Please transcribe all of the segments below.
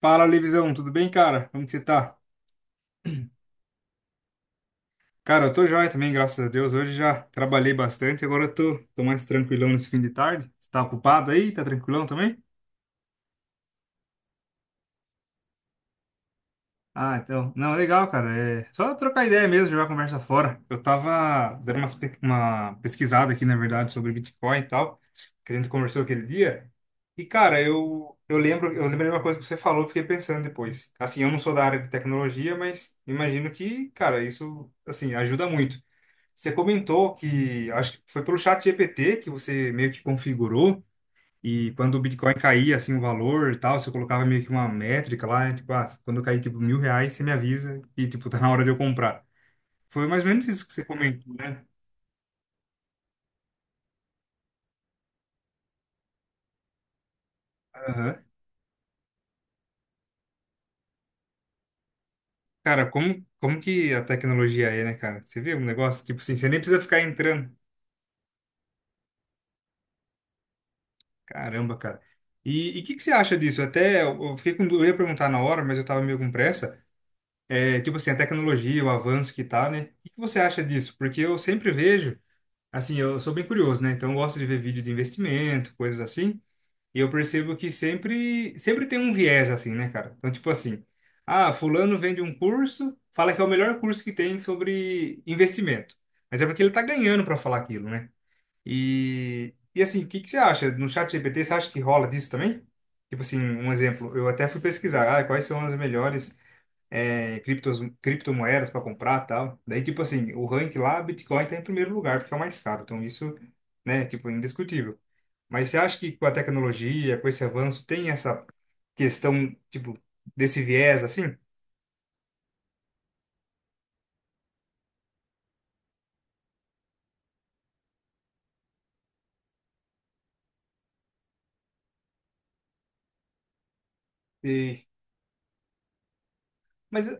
Fala, Levisão, tudo bem, cara? Como que você tá? Cara, eu tô joia também, graças a Deus. Hoje já trabalhei bastante, agora eu tô mais tranquilão nesse fim de tarde. Você tá ocupado aí? Tá tranquilão também? Ah, então. Não, legal, cara. É só trocar ideia mesmo, jogar a conversa fora. Eu tava dando uma pesquisada aqui, na verdade, sobre Bitcoin e tal, que a gente conversou aquele dia. E, cara, eu lembrei de uma coisa que você falou, fiquei pensando depois. Assim, eu não sou da área de tecnologia, mas imagino que, cara, isso, assim, ajuda muito. Você comentou que acho que foi pelo chat GPT que você meio que configurou e quando o Bitcoin caía assim o valor e tal, você colocava meio que uma métrica lá, tipo, ah, quando cair tipo mil reais, você me avisa e tipo, tá na hora de eu comprar. Foi mais ou menos isso que você comentou, né? Aham. Cara, como que a tecnologia é, né, cara? Você vê um negócio, tipo assim, você nem precisa ficar entrando. Caramba, cara. E que você acha disso? Até eu fiquei com, eu ia perguntar na hora, mas eu tava meio com pressa. É, tipo assim, a tecnologia, o avanço que tá, né? O que que você acha disso? Porque eu sempre vejo, assim, eu sou bem curioso, né? Então eu gosto de ver vídeo de investimento, coisas assim, e eu percebo que sempre tem um viés assim, né, cara? Então, tipo assim, ah, fulano vende um curso, fala que é o melhor curso que tem sobre investimento. Mas é porque ele tá ganhando para falar aquilo, né? E assim, o que que você acha? No chat GPT, você acha que rola disso também? Tipo assim, um exemplo, eu até fui pesquisar, ah, quais são as melhores é, criptos, criptomoedas para comprar tal. Daí, tipo assim, o rank lá, Bitcoin tá em primeiro lugar, porque é o mais caro. Então, isso, né, tipo, é indiscutível. Mas você acha que com a tecnologia, com esse avanço, tem essa questão, tipo, desse viés, assim? E, mas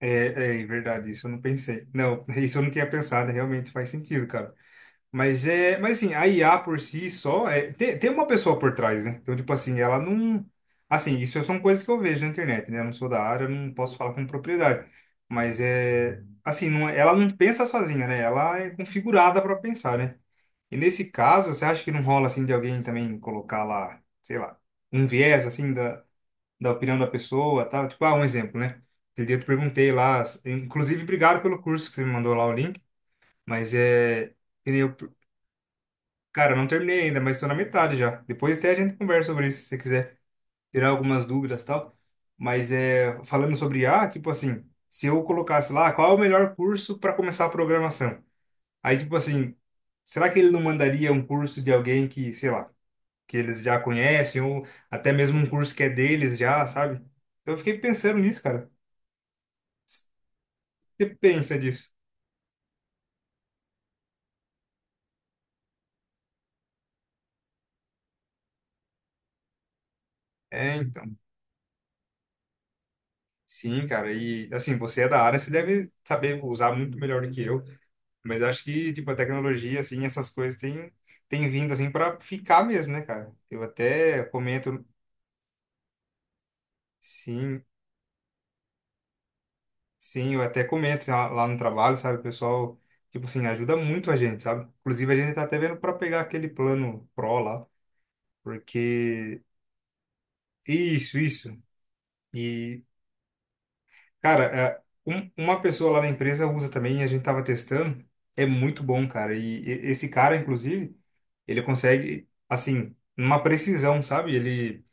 é, é verdade, isso eu não pensei. Não, isso eu não tinha pensado, realmente faz sentido, cara. Mas é, mas assim, a IA por si só é, tem uma pessoa por trás, né? Então, tipo assim, ela não, assim, isso é, são coisas que eu vejo na internet, né? Eu não sou da área, eu não posso falar com propriedade, mas é, assim, não, é, ela não pensa sozinha, né? Ela é configurada para pensar, né? E nesse caso, você acha que não rola assim de alguém também colocar lá, sei lá, um viés assim da, da opinião da pessoa, tal? Tipo, ah, um exemplo, né? Aquele dia eu te perguntei lá, inclusive obrigado pelo curso que você me mandou lá o link, mas é que nem eu. Cara, eu não terminei ainda, mas estou na metade já. Depois até a gente conversa sobre isso, se você quiser tirar algumas dúvidas e tal. Mas é, falando sobre IA, tipo assim, se eu colocasse lá, qual é o melhor curso para começar a programação? Aí, tipo assim, será que ele não mandaria um curso de alguém que, sei lá, que eles já conhecem, ou até mesmo um curso que é deles já, sabe? Então eu fiquei pensando nisso, cara. Você pensa disso? É, então. Sim, cara. E assim, você é da área, você deve saber usar muito melhor do que eu. Mas eu acho que, tipo, a tecnologia, assim, essas coisas têm, têm vindo, assim, para ficar mesmo, né, cara? Eu até comento, sim, sim, eu até comento assim, lá no trabalho, sabe? O pessoal, tipo assim, ajuda muito a gente, sabe? Inclusive, a gente tá até vendo para pegar aquele plano Pro lá, porque... Isso, isso. E, cara, é, uma pessoa lá na empresa usa também, a gente tava testando, é muito bom, cara. E esse cara, inclusive, ele consegue, assim, uma precisão, sabe? Ele...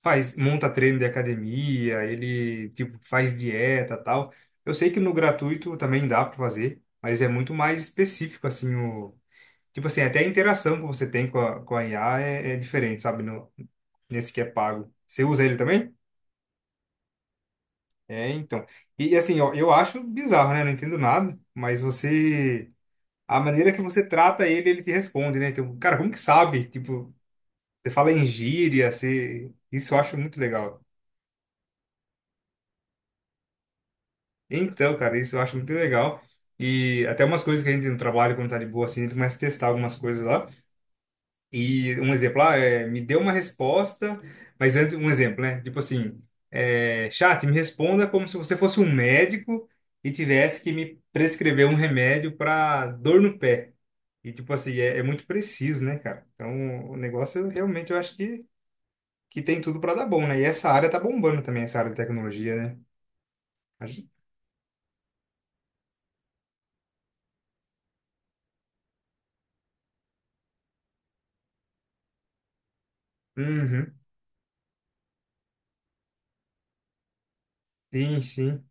faz, monta treino de academia, ele tipo faz dieta, tal. Eu sei que no gratuito também dá para fazer, mas é muito mais específico assim o tipo assim, até a interação que você tem com a IA é, é diferente, sabe, no nesse que é pago. Você usa ele também? É, então. E assim, ó, eu acho bizarro, né? Não entendo nada, mas você a maneira que você trata ele, ele te responde, né? Então, cara, como que sabe? Tipo, você fala em gíria, você... isso eu acho muito legal. Então, cara, isso eu acho muito legal. E até umas coisas que a gente no trabalho, quando tá de boa, assim, a gente começa a testar algumas coisas lá. E um exemplo lá é, me deu uma resposta, mas antes, um exemplo, né? Tipo assim, é, chat, me responda como se você fosse um médico e tivesse que me prescrever um remédio para dor no pé. E, tipo assim, é, é muito preciso, né, cara? Então, o negócio, realmente, eu acho que tem tudo para dar bom, né? E essa área tá bombando também, essa área de tecnologia, né? A gente. Uhum. Sim, sim.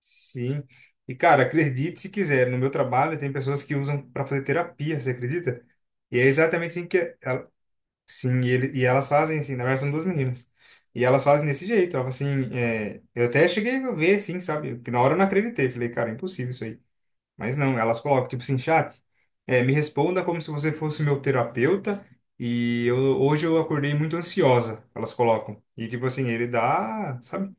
Sim. E, cara, acredite se quiser, no meu trabalho tem pessoas que usam para fazer terapia, você acredita? E é exatamente assim que é, ela, sim, e, ele, e elas fazem assim, na verdade são duas meninas. E elas fazem desse jeito, ela fala assim, é, eu até cheguei a ver assim, sabe? Que na hora eu não acreditei, falei, cara, é impossível isso aí. Mas não, elas colocam tipo assim, chat, é, me responda como se você fosse meu terapeuta e eu, hoje eu acordei muito ansiosa, elas colocam. E tipo assim, ele dá, sabe?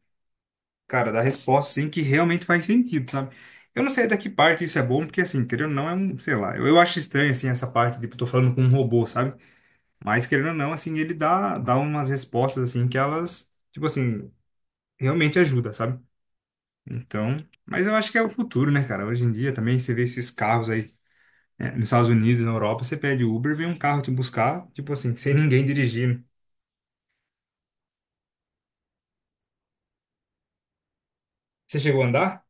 Cara, dar resposta assim que realmente faz sentido, sabe? Eu não sei até que parte isso é bom, porque assim, querendo ou não, é um, sei lá, eu acho estranho assim essa parte, tipo, eu tô falando com um robô, sabe? Mas querendo ou não, assim, ele dá umas respostas assim que elas, tipo assim, realmente ajuda, sabe? Então, mas eu acho que é o futuro, né, cara? Hoje em dia também você vê esses carros aí, né, nos Estados Unidos, na Europa, você pede Uber, vem um carro te buscar, tipo assim, sem ninguém dirigindo. Você chegou a andar?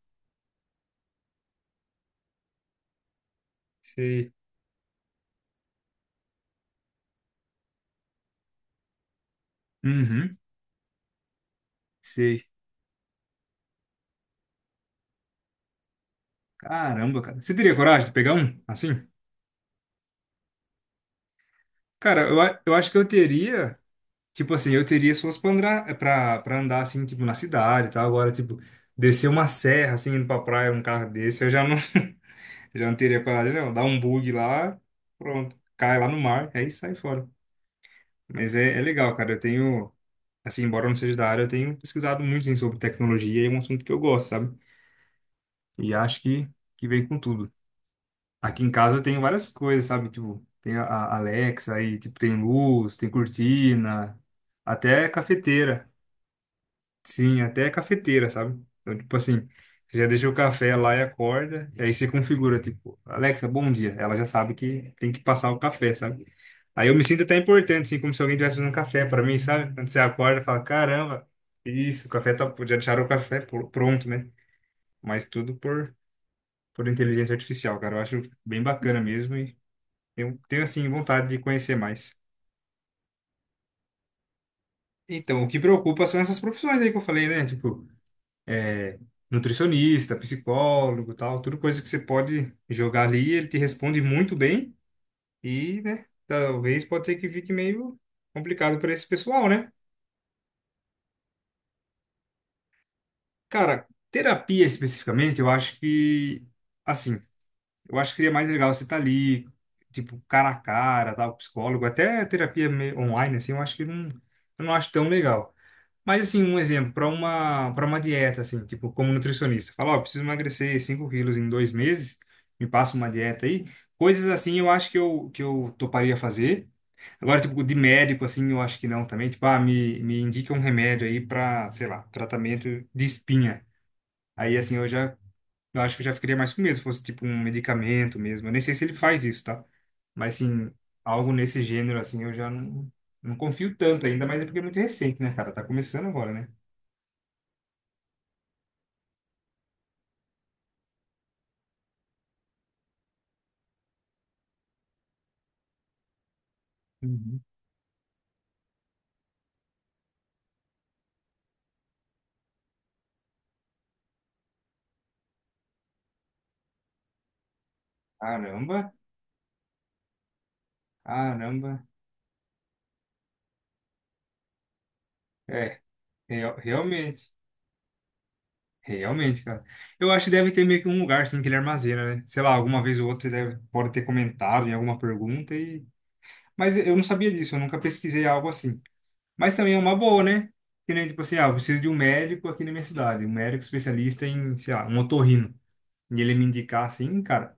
Sei. Uhum, sei. Caramba, cara. Você teria coragem de pegar um assim? Cara, eu acho que eu teria, tipo assim, eu teria se fosse pra andar, pra andar assim, tipo, na cidade e tal. Agora, tipo, descer uma serra, assim, indo pra praia, um carro desse, eu já não, já não teria coragem, não. Dá um bug lá, pronto, cai lá no mar, aí sai fora. Mas é, é legal, cara. Eu tenho, assim, embora eu não seja da área, eu tenho pesquisado muito, assim, sobre tecnologia e é um assunto que eu gosto, sabe? E acho que vem com tudo. Aqui em casa eu tenho várias coisas, sabe? Tipo, tem a Alexa aí, tipo, tem luz, tem cortina, até cafeteira. Sim, até cafeteira, sabe? Então, tipo assim, você já deixa o café lá e acorda, e aí você configura, tipo, Alexa, bom dia. Ela já sabe que tem que passar o café, sabe? Aí eu me sinto até importante, assim, como se alguém estivesse fazendo café pra mim, sabe? Quando você acorda, fala, caramba, isso, o café tá, já deixaram o café pronto, né? Mas tudo por inteligência artificial, cara. Eu acho bem bacana mesmo, eu tenho, assim, vontade de conhecer mais. Então, o que preocupa são essas profissões aí que eu falei, né? Tipo, é, nutricionista, psicólogo, tal, tudo coisa que você pode jogar ali, ele te responde muito bem e, né, talvez pode ser que fique meio complicado para esse pessoal, né? Cara, terapia especificamente, eu acho que assim, eu acho que seria mais legal você estar ali, tipo, cara a cara, tal, psicólogo, até terapia online assim, eu acho que não, eu não acho tão legal. Mas assim, um exemplo, para uma dieta, assim, tipo, como nutricionista, fala, ó, preciso emagrecer 5 quilos em dois meses, me passa uma dieta aí. Coisas assim eu acho que que eu toparia fazer. Agora, tipo, de médico, assim, eu acho que não também. Tipo, ah, me indica um remédio aí para, sei lá, tratamento de espinha. Aí, assim, eu já, eu acho que eu já ficaria mais com medo se fosse, tipo, um medicamento mesmo. Eu nem sei se ele faz isso, tá? Mas, assim, algo nesse gênero, assim, eu já não, não confio tanto ainda, mas é porque é muito recente, né, cara? Tá começando agora, né? Uhum. Caramba, caramba. É, realmente, realmente, cara. Eu acho que deve ter meio que um lugar assim que ele armazena, né? Sei lá, alguma vez ou outra você deve, pode ter comentado em alguma pergunta e. Mas eu não sabia disso, eu nunca pesquisei algo assim. Mas também é uma boa, né? Que nem tipo assim, ah, eu preciso de um médico aqui na minha cidade, um médico especialista em, sei lá, um otorrino. E ele me indicar assim, cara.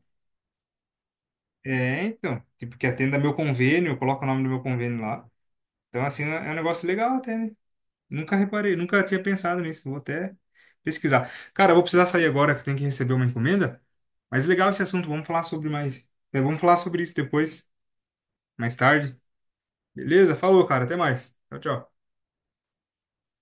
É, então, tipo, que atenda meu convênio, eu coloco o nome do meu convênio lá. Então, assim, é um negócio legal até, né? Nunca reparei, nunca tinha pensado nisso. Vou até pesquisar. Cara, eu vou precisar sair agora que eu tenho que receber uma encomenda. Mas legal esse assunto, vamos falar sobre mais. É, vamos falar sobre isso depois, mais tarde. Beleza? Falou, cara, até mais. Tchau, tchau.